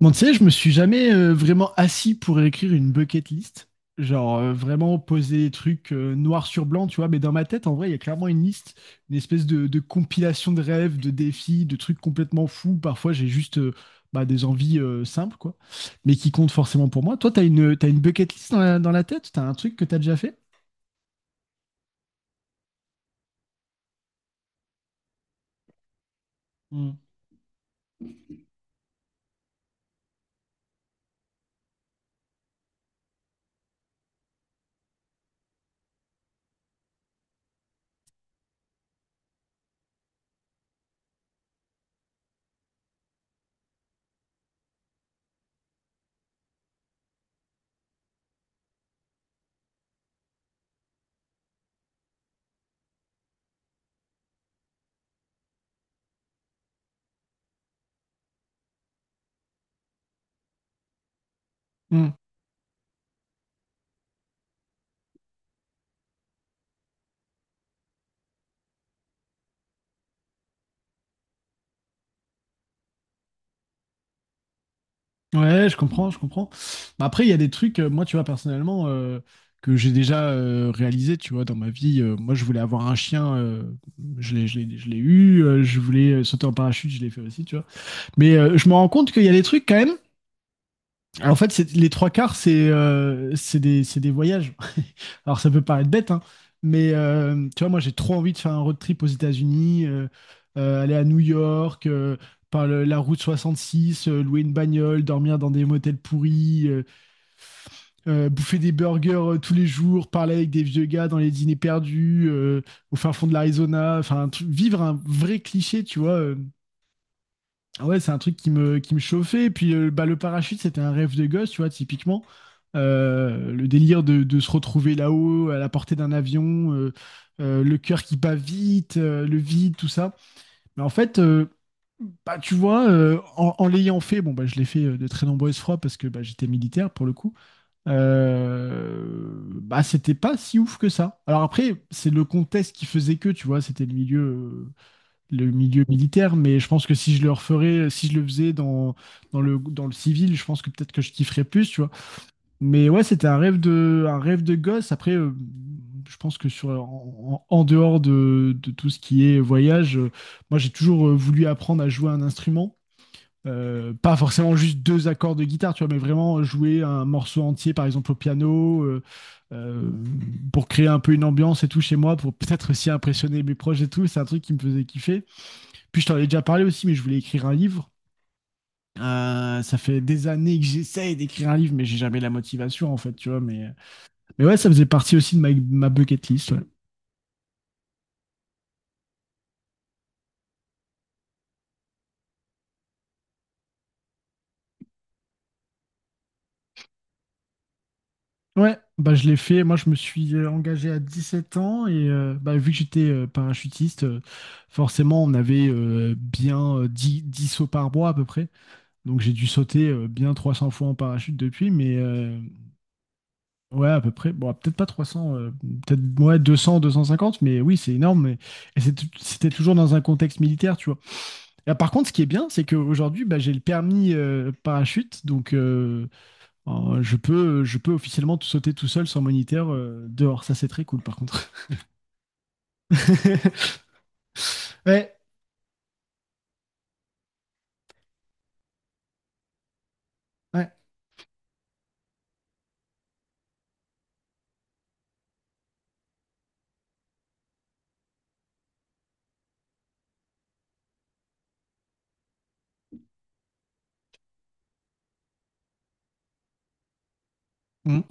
Bon, tu sais, je me suis jamais vraiment assis pour écrire une bucket list. Genre, vraiment poser des trucs noir sur blanc, tu vois. Mais dans ma tête, en vrai, il y a clairement une liste, une espèce de compilation de rêves, de défis, de trucs complètement fous. Parfois, j'ai juste bah, des envies simples, quoi. Mais qui comptent forcément pour moi. Toi, t'as une bucket list dans la tête? T'as un truc que t'as déjà fait? Hmm. Hmm. Ouais, je comprends, je comprends. Bah, après, il y a des trucs, moi, tu vois, personnellement, que j'ai déjà réalisé, tu vois, dans ma vie. Moi, je voulais avoir un chien, je l'ai eu. Je voulais sauter en parachute, je l'ai fait aussi, tu vois. Mais je me rends compte qu'il y a des trucs quand même. Alors, en fait, les trois quarts, c'est c'est des voyages. Alors, ça peut paraître bête, hein, mais tu vois, moi, j'ai trop envie de faire un road trip aux États-Unis, aller à New York, par la route 66, louer une bagnole, dormir dans des motels pourris, bouffer des burgers tous les jours, parler avec des vieux gars dans les dîners perdus, au fin fond de l'Arizona, enfin, vivre un vrai cliché, tu vois. Ah ouais, c'est un truc qui me chauffait. Et puis, bah, le parachute, c'était un rêve de gosse, tu vois, typiquement. Le délire de se retrouver là-haut, à la portée d'un avion, le cœur qui bat vite, le vide, tout ça. Mais en fait, bah, tu vois, en l'ayant fait, bon, bah, je l'ai fait de très nombreuses fois parce que bah, j'étais militaire pour le coup, euh, bah, c'était pas si ouf que ça. Alors après, c'est le contexte qui faisait que, tu vois, c'était le milieu, le milieu militaire, mais je pense que si je le referais, si je le faisais dans le civil, je pense que peut-être que je kifferais plus, tu vois. Mais ouais, c'était un rêve de gosse. Après, je pense que en dehors de tout ce qui est voyage, moi, j'ai toujours voulu apprendre à jouer un instrument. Pas forcément juste deux accords de guitare, tu vois, mais vraiment jouer un morceau entier, par exemple au piano, euh, pour créer un peu une ambiance et tout chez moi, pour peut-être aussi impressionner mes proches et tout. C'est un truc qui me faisait kiffer. Puis je t'en ai déjà parlé aussi, mais je voulais écrire un livre. Ça fait des années que j'essaye d'écrire un livre, mais j'ai jamais la motivation en fait, tu vois. Mais ouais, ça faisait partie aussi de ma bucket list. Ouais. Ouais, bah je l'ai fait. Moi, je me suis engagé à 17 ans et bah, vu que j'étais parachutiste, forcément, on avait bien 10 10 sauts par mois à peu près. Donc, j'ai dû sauter bien 300 fois en parachute depuis. Mais, ouais, à peu près. Bon, peut-être pas 300, peut-être ouais, 250 mais oui, c'est énorme. Et c'était toujours dans un contexte militaire, tu vois. Et, par contre, ce qui est bien, c'est qu'aujourd'hui, bah, j'ai le permis parachute, donc je peux officiellement tout sauter tout seul sans moniteur dehors. Ça, c'est très cool, par contre. Ouais, ouais. Mm.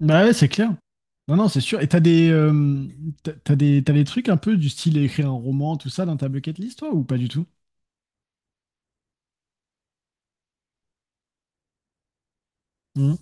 Bah ouais, c'est clair. Non, non, c'est sûr. Et t'as des, t'as t'as des trucs un peu du style écrire un roman, tout ça, dans ta bucket list, toi, ou pas du tout? Mm.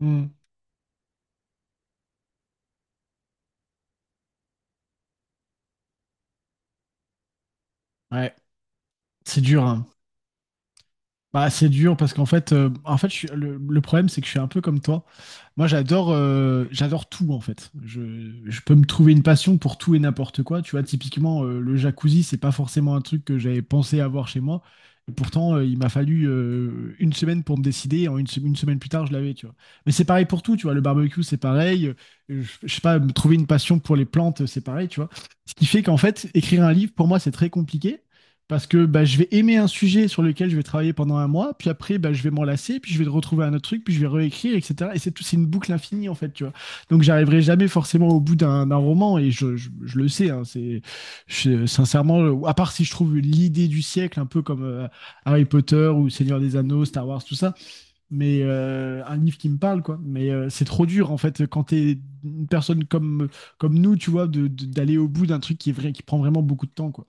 Mm. Ouais, c'est dur, hein. Bah, c'est dur parce qu'en fait, le problème, c'est que je suis un peu comme toi. Moi, j'adore tout en fait. Je peux me trouver une passion pour tout et n'importe quoi. Tu vois, typiquement, le jacuzzi, c'est pas forcément un truc que j'avais pensé avoir chez moi. Et pourtant, il m'a fallu une semaine pour me décider. En une semaine plus tard, je l'avais, tu vois. Mais c'est pareil pour tout, tu vois. Le barbecue, c'est pareil. Je sais pas, me trouver une passion pour les plantes, c'est pareil, tu vois. Ce qui fait qu'en fait, écrire un livre, pour moi, c'est très compliqué. Parce que bah, je vais aimer un sujet sur lequel je vais travailler pendant un mois, puis après bah, je vais m'en lasser, puis je vais retrouver un autre truc, puis je vais réécrire, etc. Et c'est tout, c'est une boucle infinie en fait, tu vois. Donc j'arriverai jamais forcément au bout d'un roman, et je le sais, hein, sincèrement, à part si je trouve l'idée du siècle, un peu comme Harry Potter ou Seigneur des Anneaux, Star Wars, tout ça, mais un livre qui me parle, quoi. Mais c'est trop dur en fait quand t'es une personne comme nous, tu vois, d'aller au bout d'un truc qui est vrai, qui prend vraiment beaucoup de temps, quoi.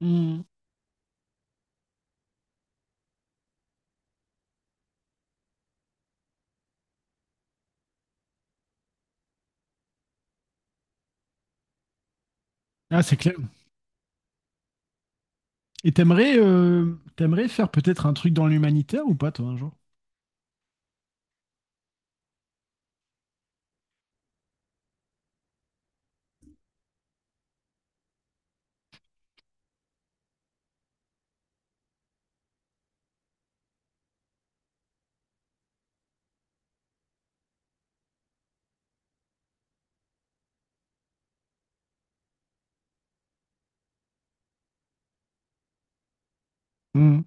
Hmm. Ah, c'est clair. Et t'aimerais faire peut-être un truc dans l'humanitaire ou pas, toi, un jour? Hmm.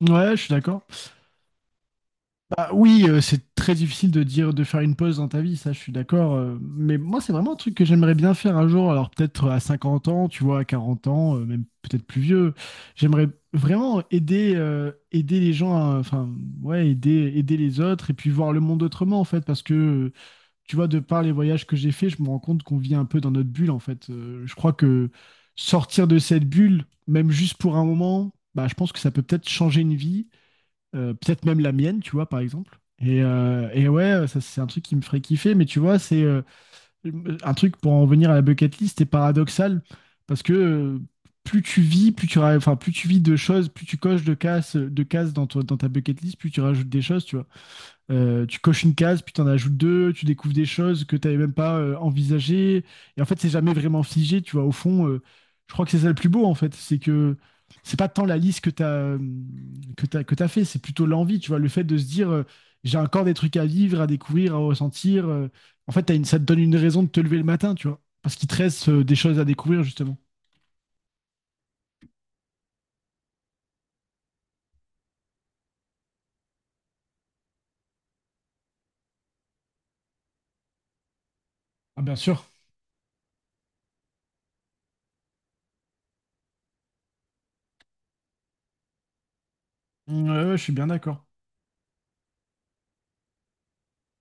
Ouais, je suis d'accord. Bah oui, c'est très difficile de dire de faire une pause dans ta vie, ça, je suis d'accord, mais moi, c'est vraiment un truc que j'aimerais bien faire un jour. Alors peut-être à 50 ans, tu vois, à 40 ans, même peut-être plus vieux. J'aimerais vraiment aider les gens, enfin ouais, aider les autres et puis voir le monde autrement en fait, parce que tu vois, de par les voyages que j'ai faits, je me rends compte qu'on vit un peu dans notre bulle, en fait. Je crois que sortir de cette bulle, même juste pour un moment, bah, je pense que ça peut peut-être changer une vie, peut-être même la mienne, tu vois, par exemple. Et ouais, ça, c'est un truc qui me ferait kiffer, mais tu vois, c'est un truc pour en venir à la bucket list, c'est paradoxal, parce que plus tu vis, enfin, plus tu vis de choses, plus tu coches de cases, dans, dans ta bucket list, plus tu rajoutes des choses, tu vois. Tu coches une case, puis tu en ajoutes deux, tu découvres des choses que tu n'avais même pas envisagées. Et en fait, c'est jamais vraiment figé, tu vois. Au fond, je crois que c'est ça le plus beau, en fait. C'est que c'est pas tant la liste que tu as, que t'as fait, c'est plutôt l'envie, tu vois. Le fait de se dire, j'ai encore des trucs à vivre, à découvrir, à ressentir. En fait, ça te donne une raison de te lever le matin, tu vois. Parce qu'il te reste des choses à découvrir, justement. Ah bien sûr, ouais, ouais, je suis bien d'accord.